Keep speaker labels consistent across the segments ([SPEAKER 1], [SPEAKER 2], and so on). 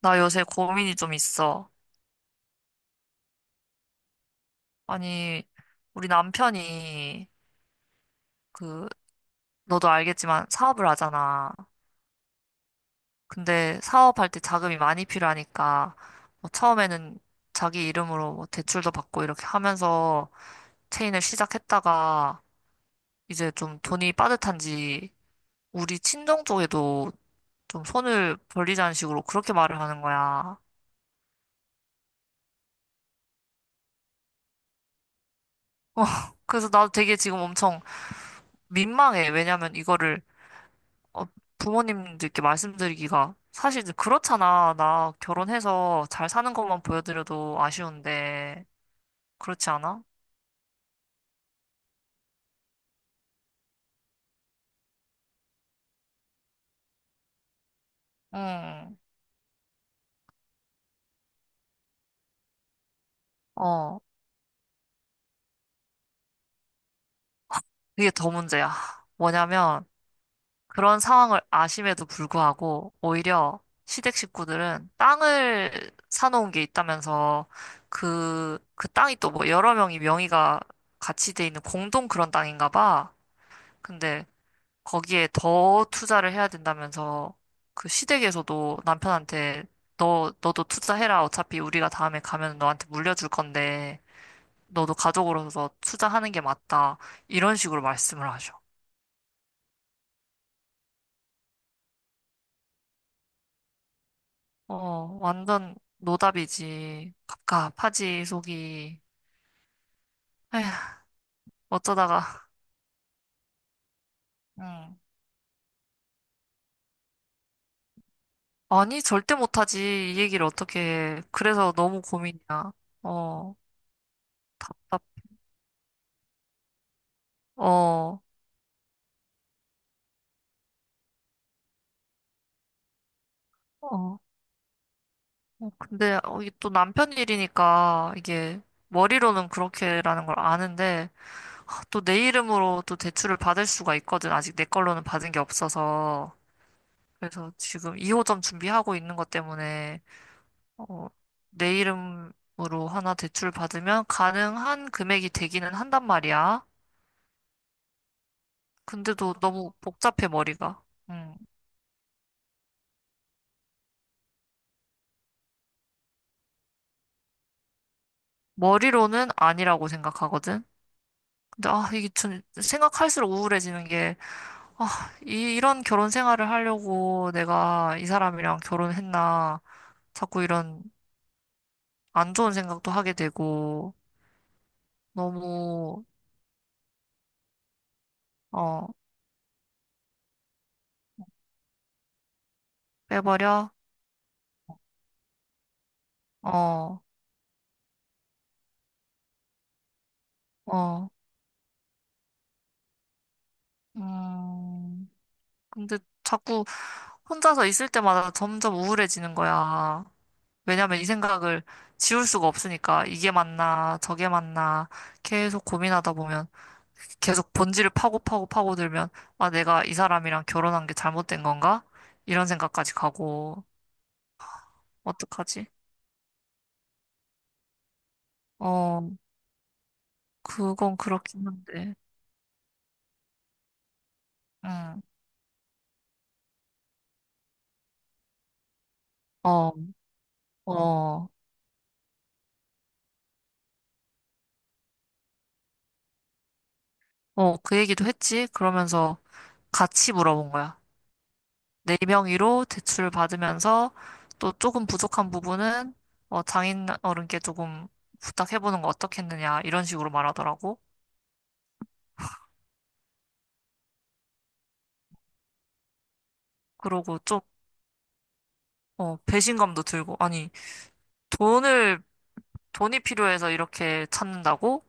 [SPEAKER 1] 나 요새 고민이 좀 있어. 아니, 우리 남편이, 그, 너도 알겠지만 사업을 하잖아. 근데 사업할 때 자금이 많이 필요하니까, 뭐 처음에는 자기 이름으로 뭐 대출도 받고 이렇게 하면서 체인을 시작했다가, 이제 좀 돈이 빠듯한지, 우리 친정 쪽에도 좀 손을 벌리자는 식으로 그렇게 말을 하는 거야. 어, 그래서 나도 되게 지금 엄청 민망해. 왜냐면 이거를 어, 부모님들께 말씀드리기가 사실 이제 그렇잖아. 나 결혼해서 잘 사는 것만 보여드려도 아쉬운데 그렇지 않아? 응, 어, 이게 더 문제야. 뭐냐면 그런 상황을 아심에도 불구하고 오히려 시댁 식구들은 땅을 사놓은 게 있다면서 그 땅이 또 뭐 여러 명이 명의가 같이 돼 있는 공동 그런 땅인가 봐. 근데 거기에 더 투자를 해야 된다면서 그 시댁에서도 남편한테 너도 투자해라. 어차피 우리가 다음에 가면 너한테 물려줄 건데 너도 가족으로서 투자하는 게 맞다. 이런 식으로 말씀을 하셔. 어, 완전 노답이지. 갑갑하지, 속이. 에휴, 어쩌다가. 응. 아니, 절대 못하지. 이 얘기를 어떻게 해. 그래서 너무 고민이야. 어, 답답, 어, 어. 어, 근데 이게 또 남편 일이니까 이게 머리로는 그렇게라는 걸 아는데 아, 또내 이름으로 또 대출을 받을 수가 있거든. 아직 내 걸로는 받은 게 없어서. 그래서 지금 2호점 준비하고 있는 것 때문에 어, 내 이름으로 하나 대출 받으면 가능한 금액이 되기는 한단 말이야. 근데도 너무 복잡해 머리가. 음. 머리로는 아니라고 생각하거든. 근데 아, 이게 좀 생각할수록 우울해지는 아, 이런 결혼 생활을 하려고 내가 이 사람이랑 결혼했나. 자꾸 이런 안 좋은 생각도 하게 되고, 너무, 어, 빼버려? 어, 어, 음. 근데 자꾸 혼자서 있을 때마다 점점 우울해지는 거야. 왜냐면 이 생각을 지울 수가 없으니까. 이게 맞나, 저게 맞나. 계속 고민하다 보면. 계속 본질을 파고 파고 파고들면, 아, 내가 이 사람이랑 결혼한 게 잘못된 건가? 이런 생각까지 가고, 어떡하지? 어, 그건 그렇긴 한데, 응, 어, 어, 어, 그 얘기도 했지? 그러면서 같이 물어본 거야. 네 명의로 대출을 받으면서 또 조금 부족한 부분은 어, 장인 어른께 조금 부탁해보는 거 어떻겠느냐, 이런 식으로 말하더라고. 그러고 좀, 어, 배신감도 들고, 아니, 돈을 돈이 필요해서 이렇게 찾는다고?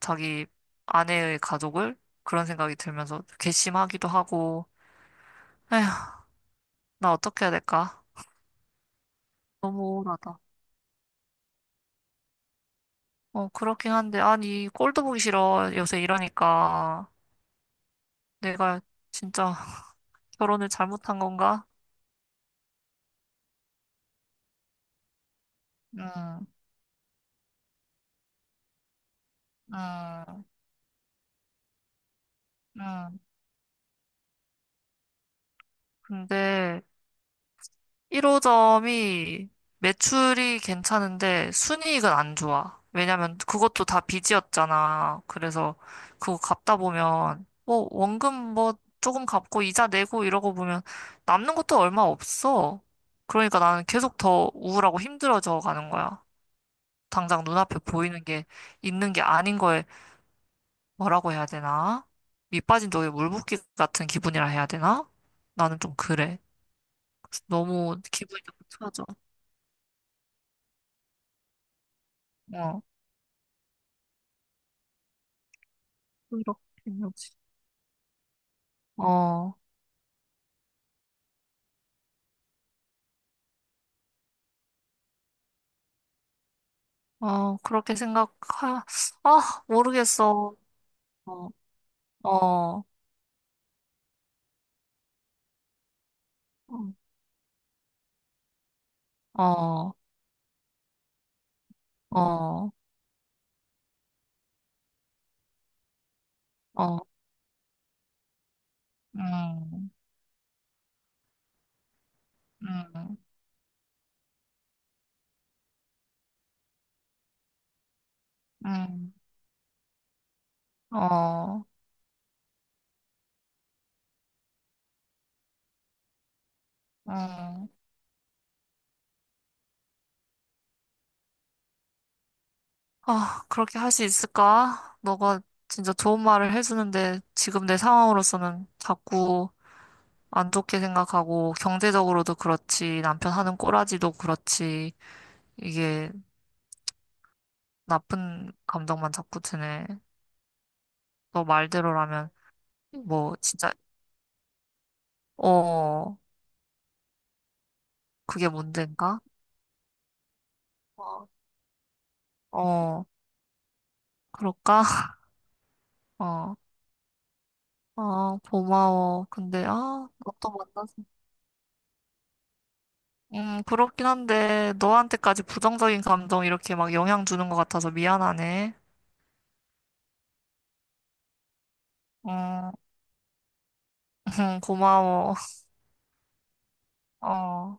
[SPEAKER 1] 자기 아내의 가족을? 그런 생각이 들면서 괘씸하기도 하고, 에휴, 나 어떻게 해야 될까? 너무 우울하다. 어, 그렇긴 한데, 아니, 꼴도 보기 싫어. 요새 이러니까. 내가 진짜 결혼을 잘못한 건가? 음, 음, 음. 근데, 1호점이 매출이 괜찮은데 순이익은 안 좋아. 왜냐면 그것도 다 빚이었잖아. 그래서 그거 갚다 보면 뭐 원금 뭐 조금 갚고 이자 내고 이러고 보면 남는 것도 얼마 없어. 그러니까 나는 계속 더 우울하고 힘들어져 가는 거야. 당장 눈앞에 보이는 게 있는 게 아닌 거에 뭐라고 해야 되나? 밑 빠진 독에 물 붓기 같은 기분이라 해야 되나? 나는 좀 그래. 그래서 너무 기분이 나빠. 져 그렇게 해야지. 어, 어, 아, 모르겠어. 어, 어, 어, 어, 어, 어, 음, 음, 음, 어, 음. 아, 그렇게 할 수 있을까? 너가 진짜 좋은 말을 해주는데 지금 내 상황으로서는 자꾸 안 좋게 생각하고 경제적으로도 그렇지, 남편 하는 꼬라지도 그렇지, 이게 나쁜 감정만 자꾸 드네. 너 말대로라면. 뭐, 진짜, 어, 그게 문제인가? 어, 어, 그럴까? 어, 아, 고마워. 근데, 아, 너또 만나서. 그렇긴 한데, 너한테까지 부정적인 감정 이렇게 막 영향 주는 것 같아서 미안하네. 음, 고마워. 어,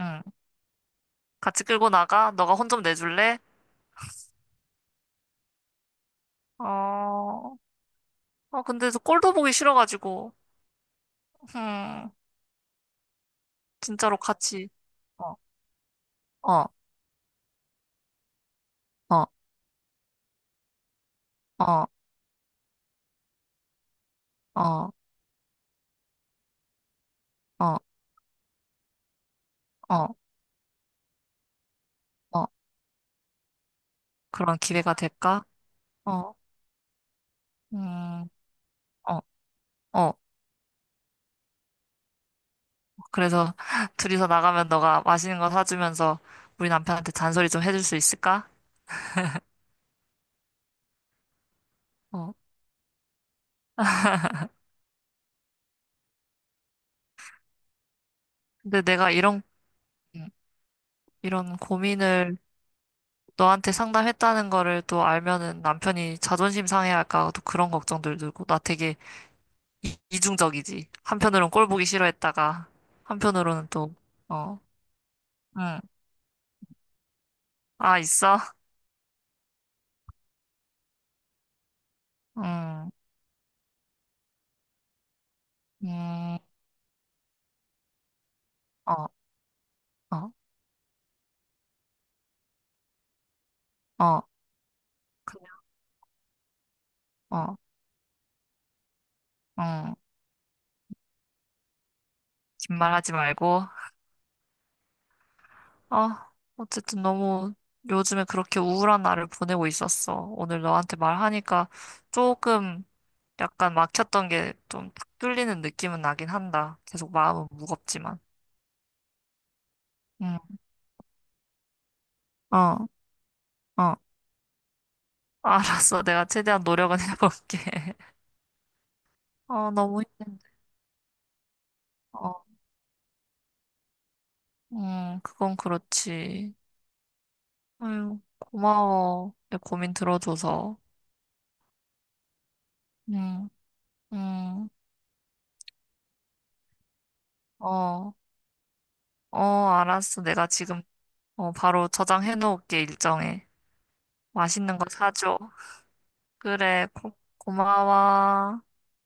[SPEAKER 1] 응 같이 끌고 나가? 너가 혼 좀 내줄래? 어, 아, 근데 저 꼴도 보기 싫어가지고, 음, 진짜로 같이. 어, 어, 어, 어, 어, 어, 어. 어. 그런 기회가 될까? 어, 음, 어, 어. 그래서 둘이서 나가면 너가 맛있는 거 사주면서 우리 남편한테 잔소리 좀 해줄 수 있을까? 어. 근데 내가 이런, 음, 이런 고민을 너한테 상담했다는 거를 또 알면은 남편이 자존심 상해할까 또 그런 걱정들 들고 나 되게 이중적이지. 한편으론 꼴 보기 싫어했다가 한편으로는 또, 어, 응, 아, 있어? 응 음, 어, 어, 어, 그냥, 어, 응. 긴 말하지 말고. 아, 어쨌든 너무 요즘에 그렇게 우울한 날을 보내고 있었어. 오늘 너한테 말하니까 조금 약간 막혔던 게 좀 탁 뚫리는 느낌은 나긴 한다. 계속 마음은 무겁지만. 응, 어, 어. 알았어. 내가 최대한 노력은 해볼게. 어, 너무 힘든데. 어, 그건 그렇지. 아유, 고마워. 내 고민 들어줘서. 응, 응, 어, 어, 알았어. 내가 지금 어, 바로 저장해 놓을게, 일정에. 맛있는 거 사줘. 그래, 고마워.